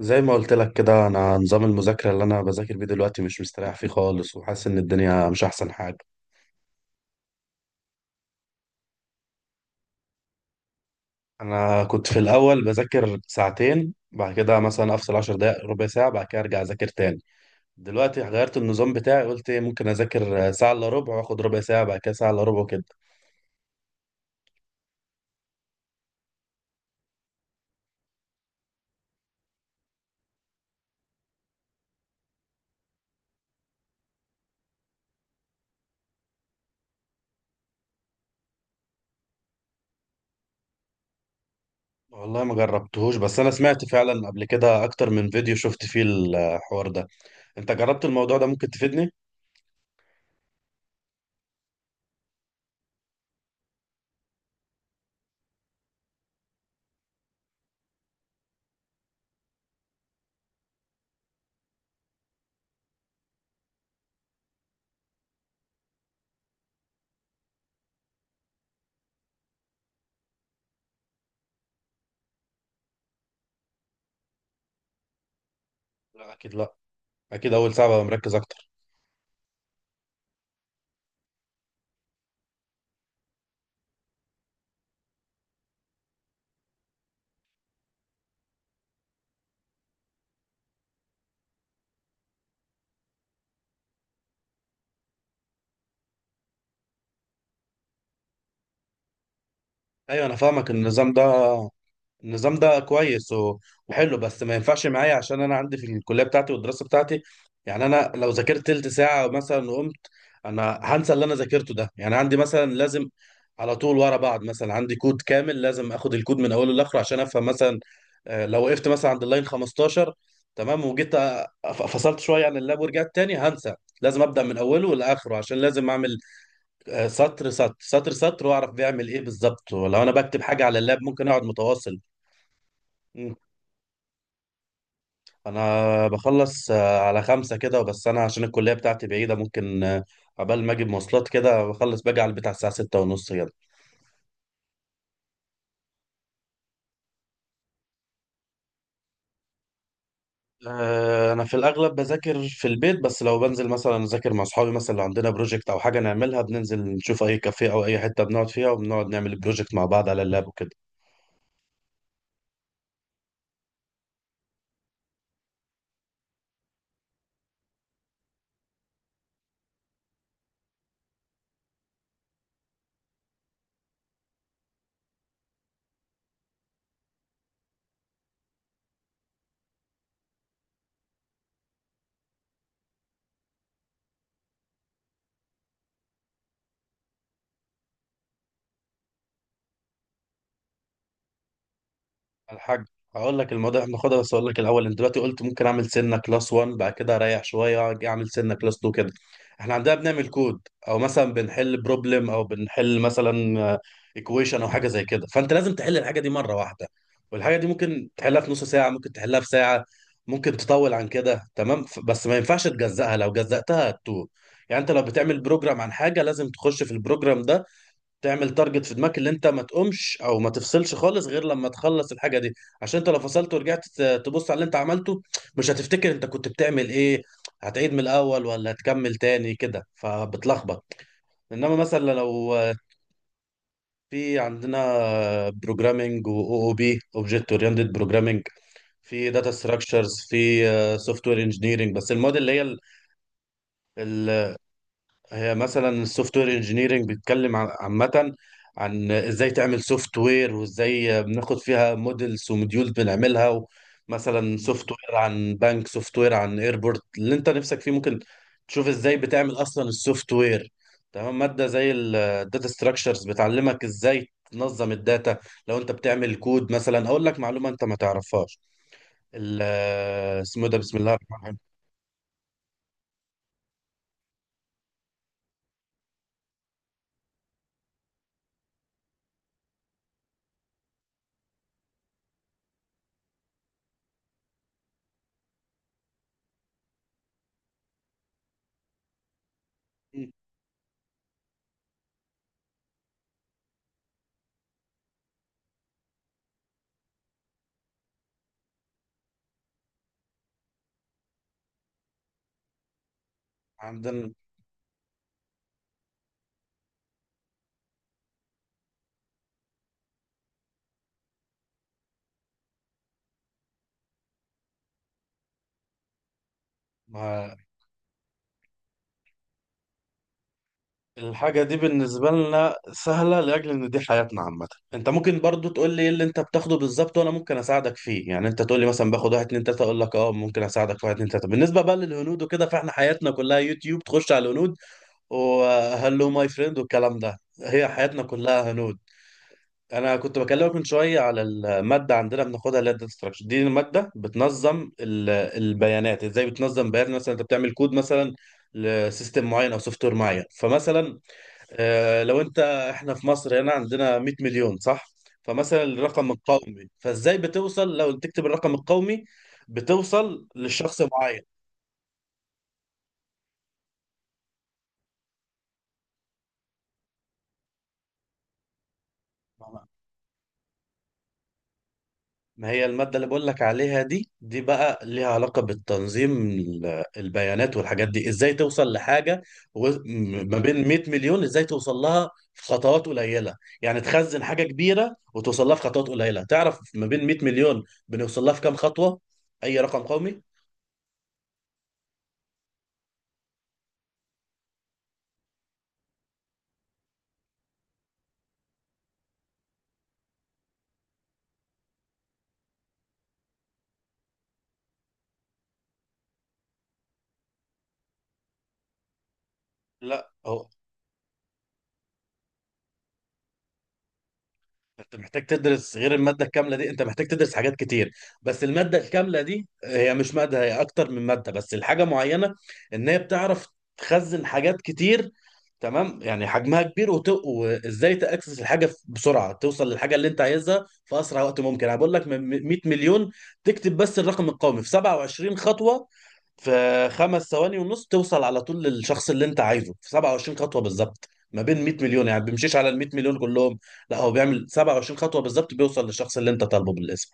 زي ما قلت لك كده انا نظام المذاكره اللي انا بذاكر بيه دلوقتي مش مستريح فيه خالص، وحاسس ان الدنيا مش احسن حاجه. انا كنت في الاول بذاكر 2 ساعتين، بعد كده مثلا افصل 10 دقائق ربع ساعه، بعد كده ارجع اذاكر تاني. دلوقتي غيرت النظام بتاعي، قلت ممكن اذاكر ساعه الا ربع، واخد ربع ساعه، بعد كده ساعه الا ربع وكده. والله ما جربتهوش، بس انا سمعت فعلا قبل كده اكتر من فيديو شفت فيه الحوار ده. انت جربت الموضوع ده؟ ممكن تفيدني. لا، اكيد لا. اكيد اول ساعه ببقى مركز اكتر. ايوه انا فاهمك النظام ده. النظام ده كويس وحلو، بس ما ينفعش معايا عشان انا عندي في الكليه بتاعتي والدراسه بتاعتي. يعني انا لو ذاكرت تلت ساعه مثلا وقمت، انا هنسى اللي انا ذاكرته ده. يعني عندي مثلا لازم على طول ورا بعض، مثلا عندي كود كامل لازم اخد الكود من اوله لاخره عشان افهم. مثلا لو وقفت مثلا عند اللاين 15، تمام، فصلت شويه عن اللاب ورجعت تاني، هنسى. لازم ابدا من اوله لاخره، عشان لازم اعمل سطر سطر واعرف بيعمل ايه بالظبط. ولو انا بكتب حاجه على اللاب ممكن اقعد متواصل. انا بخلص على 5 كده، بس انا عشان الكلية بتاعتي بعيدة، ممكن عبال ما اجيب مواصلات كده، بخلص باجي على البيت على الساعة 6:30 كده. انا في الاغلب بذاكر في البيت، بس لو بنزل مثلا اذاكر مع اصحابي، مثلا لو عندنا بروجكت او حاجة نعملها، بننزل نشوف اي كافيه او اي حتة بنقعد فيها، وبنقعد نعمل البروجكت مع بعض على اللاب وكده. الحاج هقول لك الموضوع. احنا ناخدها، بس اقول لك الاول، انت دلوقتي قلت ممكن اعمل سنه كلاس 1 بعد كده اريح شويه اجي اعمل سنه كلاس 2 كده. احنا عندنا بنعمل كود، او مثلا بنحل بروبلم، او بنحل مثلا ايكويشن او حاجه زي كده. فانت لازم تحل الحاجه دي مره واحده. والحاجه دي ممكن تحلها في نص ساعه، ممكن تحلها في ساعه، ممكن تطول عن كده. تمام، بس ما ينفعش تجزأها، لو جزأتها هتتوه. يعني انت لو بتعمل بروجرام عن حاجه، لازم تخش في البروجرام ده، تعمل تارجت في دماغك اللي انت ما تقومش او ما تفصلش خالص غير لما تخلص الحاجه دي. عشان انت لو فصلت ورجعت تبص على اللي انت عملته، مش هتفتكر انت كنت بتعمل ايه. هتعيد من الاول ولا هتكمل تاني كده؟ فبتلخبط. انما مثلا لو في عندنا، بروجرامنج و او بي اوبجكت اورينتد بروجرامنج، في داتا ستراكشرز، في سوفت وير انجينيرنج، بس المواد اللي هي هي مثلا السوفت وير انجينيرنج بيتكلم عامة عن ازاي تعمل سوفت وير، وازاي بناخد فيها موديلز وموديول بنعملها. مثلا سوفت وير عن بنك، سوفت وير عن ايربورت اللي انت نفسك فيه، ممكن تشوف ازاي بتعمل اصلا السوفت وير. تمام، مادة زي الداتا ستراكشرز بتعلمك ازاي تنظم الداتا. لو انت بتعمل كود مثلا، اقول لك معلومة انت ما تعرفهاش. ال- اسمه إيه ده، بسم الله الرحمن الرحيم. عندنا الحاجة دي بالنسبة لنا سهلة، لأجل إن دي حياتنا عامة. أنت ممكن برضو تقول لي إيه اللي أنت بتاخده بالظبط، وأنا ممكن أساعدك فيه. يعني أنت تقول لي مثلا باخد واحد اتنين تلاتة، أقول لك أه ممكن أساعدك في واحد اتنين تلاتة. بالنسبة بقى للهنود وكده، فإحنا حياتنا كلها يوتيوب، تخش على الهنود وهلو ماي فريند والكلام ده. هي حياتنا كلها هنود. أنا كنت بكلمك من شوية على المادة عندنا بناخدها، اللي هي الداتا ستراكشر دي. المادة بتنظم البيانات، إزاي بتنظم بيانات. مثلا أنت بتعمل كود مثلا لسيستم معين أو سوفت وير معين. فمثلا لو انت، احنا في مصر هنا عندنا 100 مليون، صح؟ فمثلا الرقم القومي، فازاي بتوصل لو تكتب الرقم القومي بتوصل لشخص معين. ما ما هي المادة اللي بقول لك عليها دي، دي بقى ليها علاقة بالتنظيم البيانات والحاجات دي، ازاي توصل لحاجة. ما بين 100 مليون ازاي توصل لها في خطوات قليلة. يعني تخزن حاجة كبيرة وتوصل لها في خطوات قليلة، تعرف ما بين 100 مليون بنوصل لها في كام خطوة، اي رقم قومي. لا، هو انت محتاج تدرس غير المادة الكاملة دي، انت محتاج تدرس حاجات كتير. بس المادة الكاملة دي هي مش مادة، هي اكتر من مادة. بس الحاجة معينة، ان هي بتعرف تخزن حاجات كتير، تمام، يعني حجمها كبير. وت... وازاي تاكسس الحاجة بسرعة، توصل للحاجة اللي انت عايزها في اسرع وقت ممكن. انا بقول لك من 100 مليون تكتب بس الرقم القومي، في 27 خطوة في 5.5 ثواني توصل على طول للشخص اللي انت عايزه، في 27 خطوة بالظبط ما بين 100 مليون. يعني بيمشيش على ال 100 مليون كلهم، لا، هو بيعمل 27 خطوة بالظبط، بيوصل للشخص اللي انت طالبه بالاسم.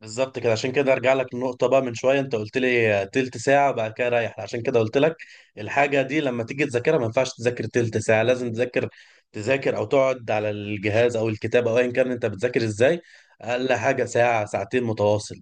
بالظبط كده. عشان كده ارجع لك النقطة بقى من شوية، انت قلت لي تلت ساعة بعد كده رايح. عشان كده قلت لك الحاجة دي لما تيجي تذاكرها ما ينفعش تذاكر تلت ساعة، لازم تذاكر او تقعد على الجهاز او الكتاب او ايا كان انت بتذاكر ازاي، اقل حاجة ساعة ساعتين متواصل.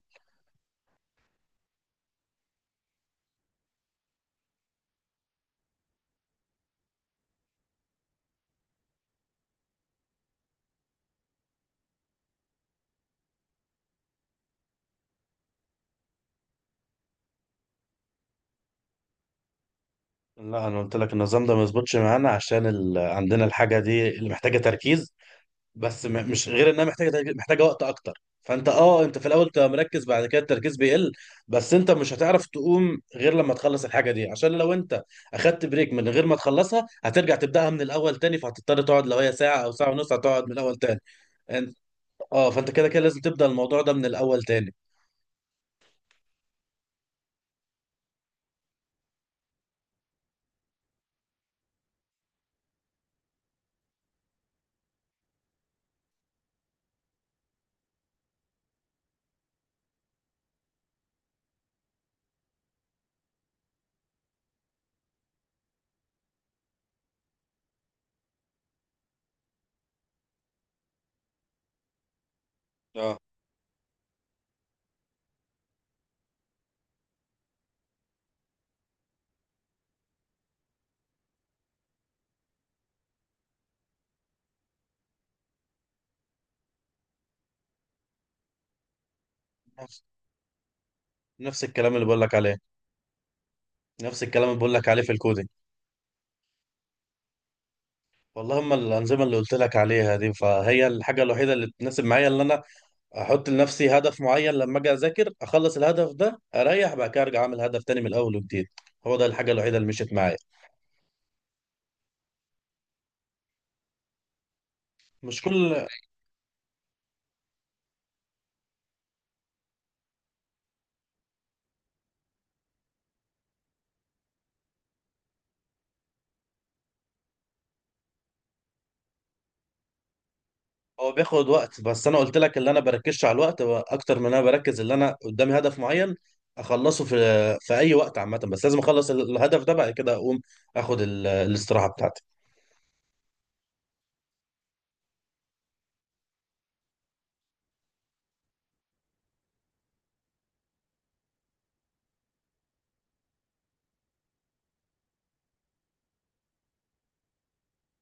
لا انا قلت لك النظام ده ما يظبطش معانا، عشان عندنا الحاجة دي اللي محتاجة تركيز. بس مش غير انها محتاجه محتاجه وقت اكتر. فانت اه، انت في الاول تبقى مركز بعد كده التركيز بيقل، بس انت مش هتعرف تقوم غير لما تخلص الحاجه دي. عشان لو انت اخدت بريك من غير ما تخلصها، هترجع تبداها من الاول تاني. فهتضطر تقعد، لو هي ساعه او ساعه ونص، هتقعد من الاول تاني. انت اه، فانت كده كده لازم تبدا الموضوع ده من الاول تاني. اه. نفس نفس الكلام اللي بقول لك عليه. نفس الكلام اللي بقول لك عليه في الكودينج. والله هم الانظمه اللي قلت لك عليها دي، فهي الحاجه الوحيده اللي تناسب معايا، اللي انا احط لنفسي هدف معين لما اجي اذاكر، اخلص الهدف ده اريح، بعد كده ارجع اعمل هدف تاني من الاول وجديد. هو ده الحاجه الوحيده اللي مشيت معايا. مش كل، هو بياخد وقت، بس انا قلت لك اللي انا بركزش على الوقت، هو اكتر من انا بركز اللي انا قدامي هدف معين اخلصه في في اي وقت عامه. بس لازم اخلص الهدف ده بعد كده اقوم اخد الاستراحه بتاعتي.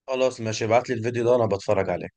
خلاص ماشي، ابعت لي الفيديو ده انا بتفرج عليه.